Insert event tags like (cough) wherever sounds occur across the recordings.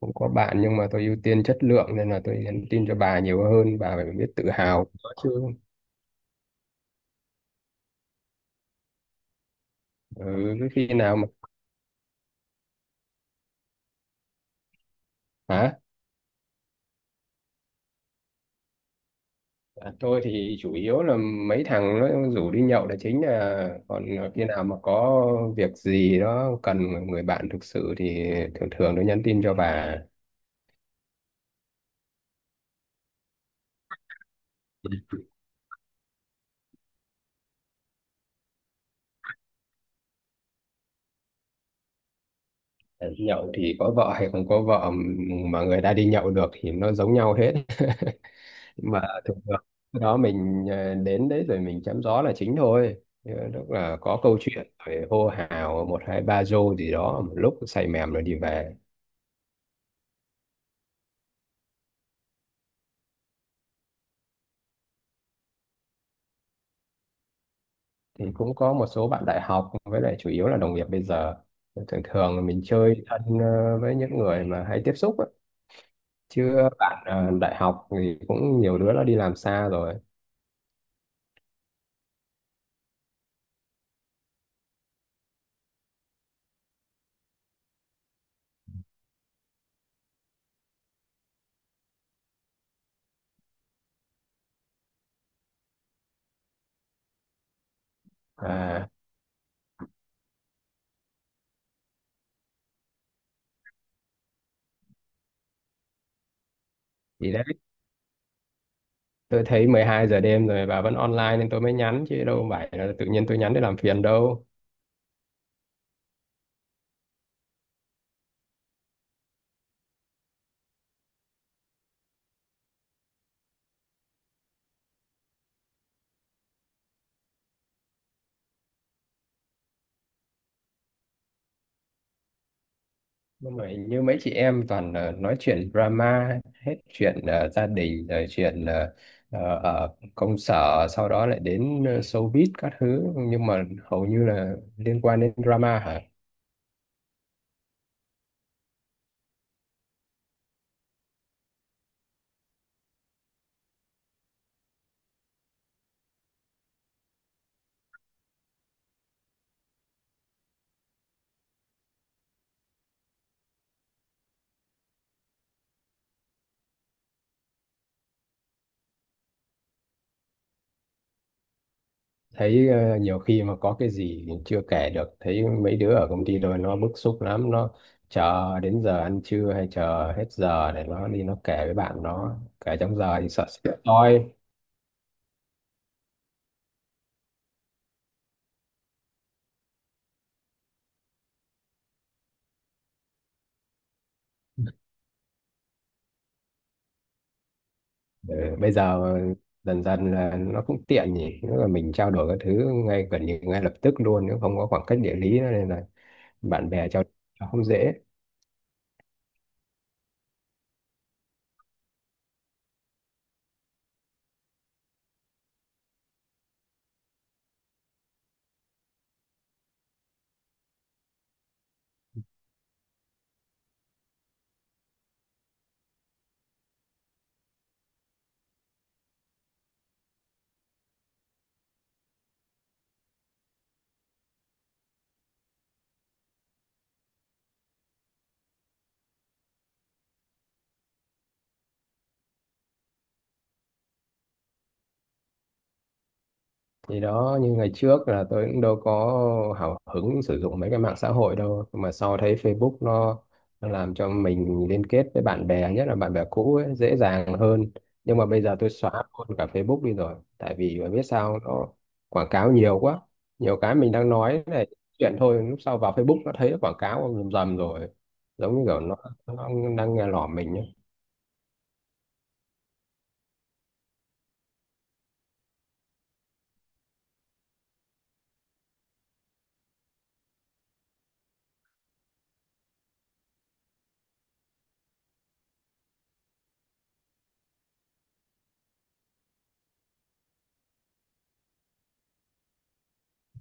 Cũng có bạn nhưng mà tôi ưu tiên chất lượng, nên là tôi nhắn tin cho bà nhiều hơn. Bà phải biết tự hào có chứ. Ừ, cái khi nào mà, hả? À, tôi thì chủ yếu là mấy thằng nó rủ đi nhậu là chính à, còn khi nào mà có việc gì đó cần người bạn thực sự thì thường thường tôi nhắn tin cho bà. Nhậu thì có vợ hay không có vợ mà người ta đi nhậu được thì nó giống nhau hết. Mà thường thường cái đó mình đến đấy rồi mình chém gió là chính thôi. Ờ, Lúc là có câu chuyện rồi hô hào một hai ba rô gì đó, một lúc say mềm rồi đi về. Thì cũng có một số bạn đại học, với lại chủ yếu là đồng nghiệp bây giờ. Thường thường là mình chơi thân với những người mà hay tiếp xúc á. Chứ bạn đại học thì cũng nhiều đứa nó đi làm xa rồi. À, thì đấy, tôi thấy 12 giờ đêm rồi bà vẫn online nên tôi mới nhắn, chứ đâu phải là tự nhiên tôi nhắn để làm phiền đâu. Nhưng mà hình như mấy chị em toàn nói chuyện drama, hết chuyện gia đình rồi chuyện ở công sở, sau đó lại đến showbiz các thứ, nhưng mà hầu như là liên quan đến drama hả? Thấy nhiều khi mà có cái gì chưa kể được, thấy mấy đứa ở công ty rồi nó bức xúc lắm, nó chờ đến giờ ăn trưa hay chờ hết giờ để nó đi nó kể với bạn, nó kể trong giờ thì sợ sẽ toi. Ờ, Bây giờ dần dần là nó cũng tiện nhỉ, nếu là mình trao đổi các thứ ngay gần như ngay lập tức luôn, nếu không có khoảng cách địa lý nữa, nên là bạn bè trao đổi nó không dễ. Thì đó, như ngày trước là tôi cũng đâu có hào hứng sử dụng mấy cái mạng xã hội đâu. Nhưng mà sau thấy Facebook nó làm cho mình liên kết với bạn bè, nhất là bạn bè cũ ấy, dễ dàng hơn. Nhưng mà bây giờ tôi xóa luôn cả Facebook đi rồi, tại vì mà biết sao, nó quảng cáo nhiều quá. Nhiều cái mình đang nói này chuyện thôi, lúc sau vào Facebook nó thấy nó quảng cáo rầm rầm rồi, giống như kiểu nó đang nghe lỏm mình.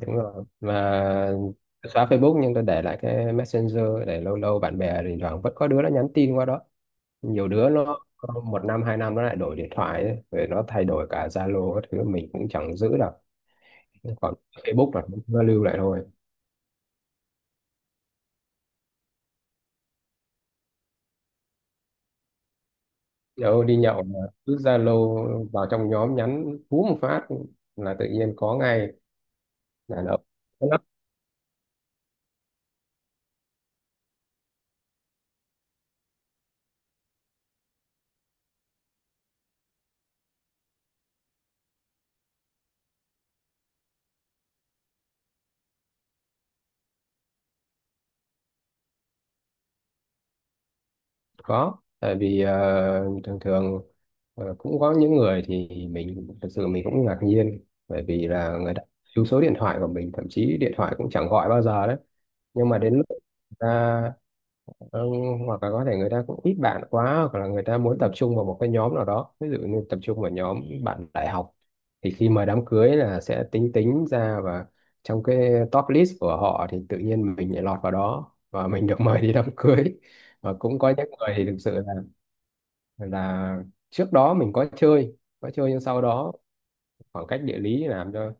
Đúng rồi mà, tôi xóa Facebook nhưng tôi để lại cái Messenger, để lâu lâu bạn bè thỉnh thoảng vẫn có đứa nó nhắn tin qua đó. Nhiều đứa nó có một năm hai năm nó lại đổi điện thoại ấy, rồi nó thay đổi cả Zalo các thứ mình cũng chẳng giữ được. Còn Facebook là nó lưu lại thôi. Đâu đi nhậu mà, cứ Zalo vào trong nhóm nhắn hú một phát là tự nhiên có ngay là nó. Có, tại vì thường thường cũng có những người thì mình thật sự mình cũng ngạc nhiên, bởi vì là người ta lưu số điện thoại của mình thậm chí điện thoại cũng chẳng gọi bao giờ đấy. Nhưng mà đến lúc người ta ờ, hoặc là có thể người ta cũng ít bạn quá, hoặc là người ta muốn tập trung vào một cái nhóm nào đó, ví dụ như tập trung vào nhóm bạn đại học, thì khi mời đám cưới là sẽ tính tính ra, và trong cái top list của họ thì tự nhiên mình lại lọt vào đó và (laughs) mình được mời đi đám cưới. Và cũng có những người thì thực sự là trước đó mình có chơi nhưng sau đó khoảng cách địa lý làm cho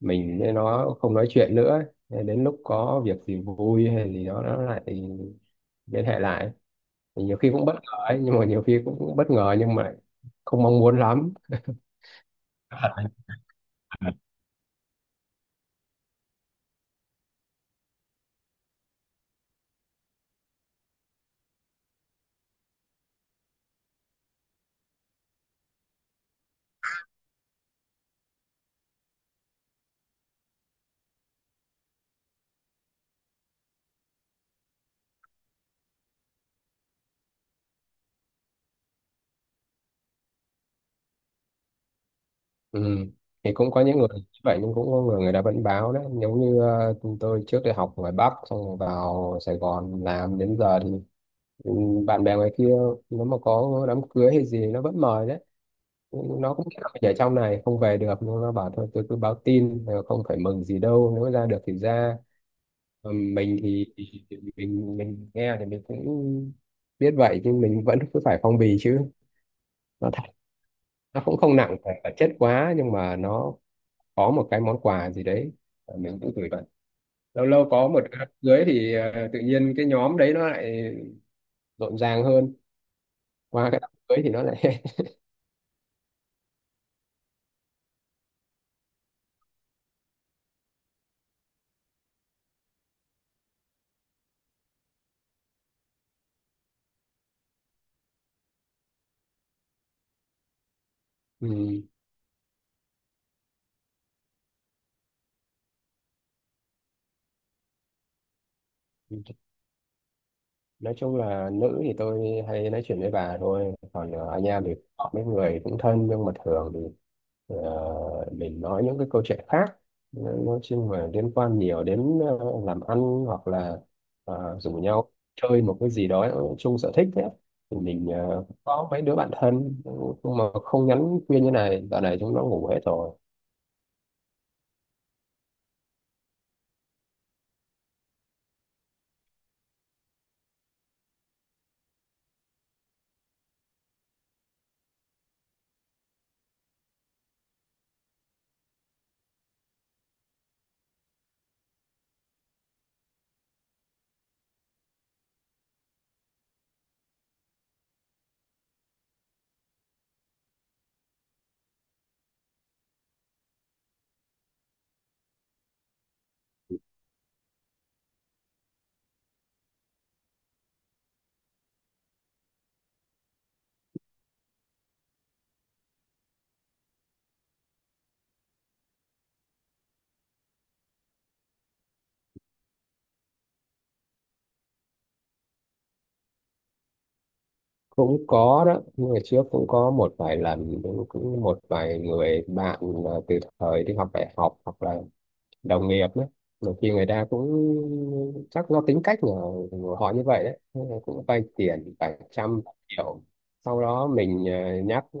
mình với nó không nói chuyện nữa. Nên đến lúc có việc gì vui hay gì đó nó lại liên hệ lại. Thì nhiều khi cũng bất ngờ ấy, nhưng mà nhiều khi cũng bất ngờ nhưng mà không mong muốn lắm. Ừ. Thì cũng có những người như vậy nhưng cũng có người, người ta vẫn báo đấy, giống như tôi trước đây học ngoài Bắc xong rồi vào Sài Gòn làm đến giờ thì, ừ, bạn bè ngoài kia nếu mà có đám cưới hay gì nó vẫn mời đấy. Ừ, nó cũng kiểu ở trong này không về được nhưng nó bảo thôi tôi cứ báo tin, không phải mừng gì đâu, nếu ra được thì ra. Mình thì mình nghe thì mình cũng biết vậy nhưng mình vẫn cứ phải phong bì chứ. Nó thật, nó cũng không nặng về vật chất quá nhưng mà nó có một cái món quà gì đấy, mình cũng gửi bạn. Lâu lâu có một cái đám cưới thì tự nhiên cái nhóm đấy nó lại rộn ràng hơn, qua cái đám cưới thì nó lại (laughs) ừ. Nói chung là nữ thì tôi hay nói chuyện với bà thôi, còn anh em thì họ mấy người cũng thân nhưng mà thường thì ờ, mình nói những cái câu chuyện khác, nói chung là liên quan nhiều đến làm ăn, hoặc là rủ nhau chơi một cái gì đó chung sở thích đấy, thì mình có mấy đứa bạn thân. Nhưng mà không nhắn khuyên như này, dạo này chúng nó ngủ hết rồi. Cũng có đó, ngày trước cũng có một vài lần, cũng cũng một vài người bạn là từ thời đi học đại học hoặc là đồng nghiệp nữa. Nhiều khi người ta cũng chắc do tính cách của họ như vậy đấy. Thế là cũng vay tiền vài trăm triệu, sau đó mình nhắc,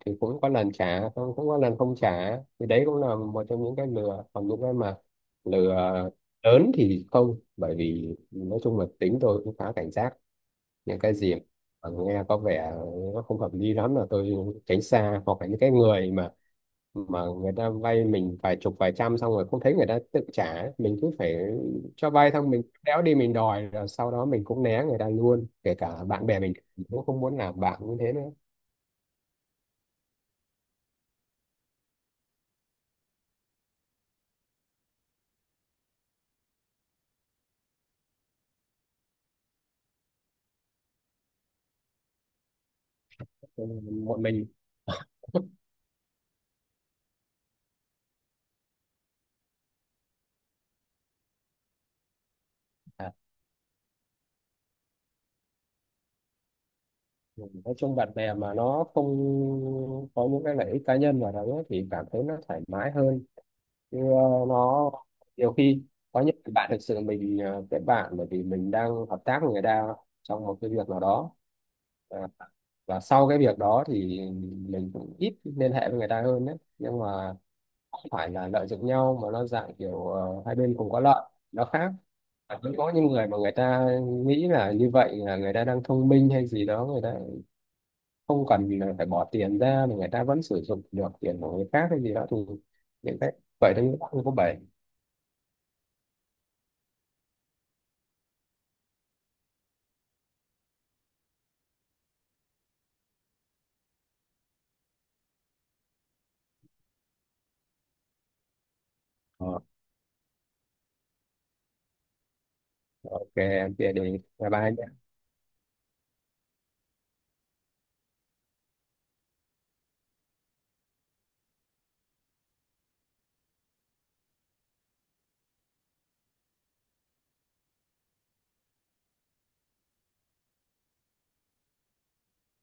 thì cũng có lần trả, không cũng có lần không trả, thì đấy cũng là một trong những cái lừa. Còn những cái mà lừa lớn thì không, bởi vì nói chung là tính tôi cũng khá cảnh giác. Những cái gì mà nghe có vẻ nó không hợp lý lắm là tôi tránh xa, hoặc là những cái người mà người ta vay mình vài chục vài trăm xong rồi không thấy người ta tự trả ấy, mình cứ phải cho vay xong mình đéo đi mình đòi, rồi sau đó mình cũng né người ta luôn, kể cả bạn bè mình cũng không muốn làm bạn như thế nữa. Ừ, một mình à? Ừ, nói chung bạn bè mà nó không có những cái lợi ích cá nhân vào đó thì cảm thấy nó thoải mái hơn. Chứ, nó nhiều khi có những cái bạn thực sự mình kết bạn bởi vì mình đang hợp tác với người ta trong một cái việc nào đó, và, và sau cái việc đó thì mình cũng ít liên hệ với người ta hơn đấy, nhưng mà không phải là lợi dụng nhau mà nó dạng kiểu hai bên cùng có lợi, nó khác. Và cũng có những người mà người ta nghĩ là như vậy là người ta đang thông minh hay gì đó, người ta không cần là phải bỏ tiền ra mà người ta vẫn sử dụng được tiền của người khác hay gì đó, thì những cái vậy đấy cũng không có bể. Ok, em chia đi, bye bye.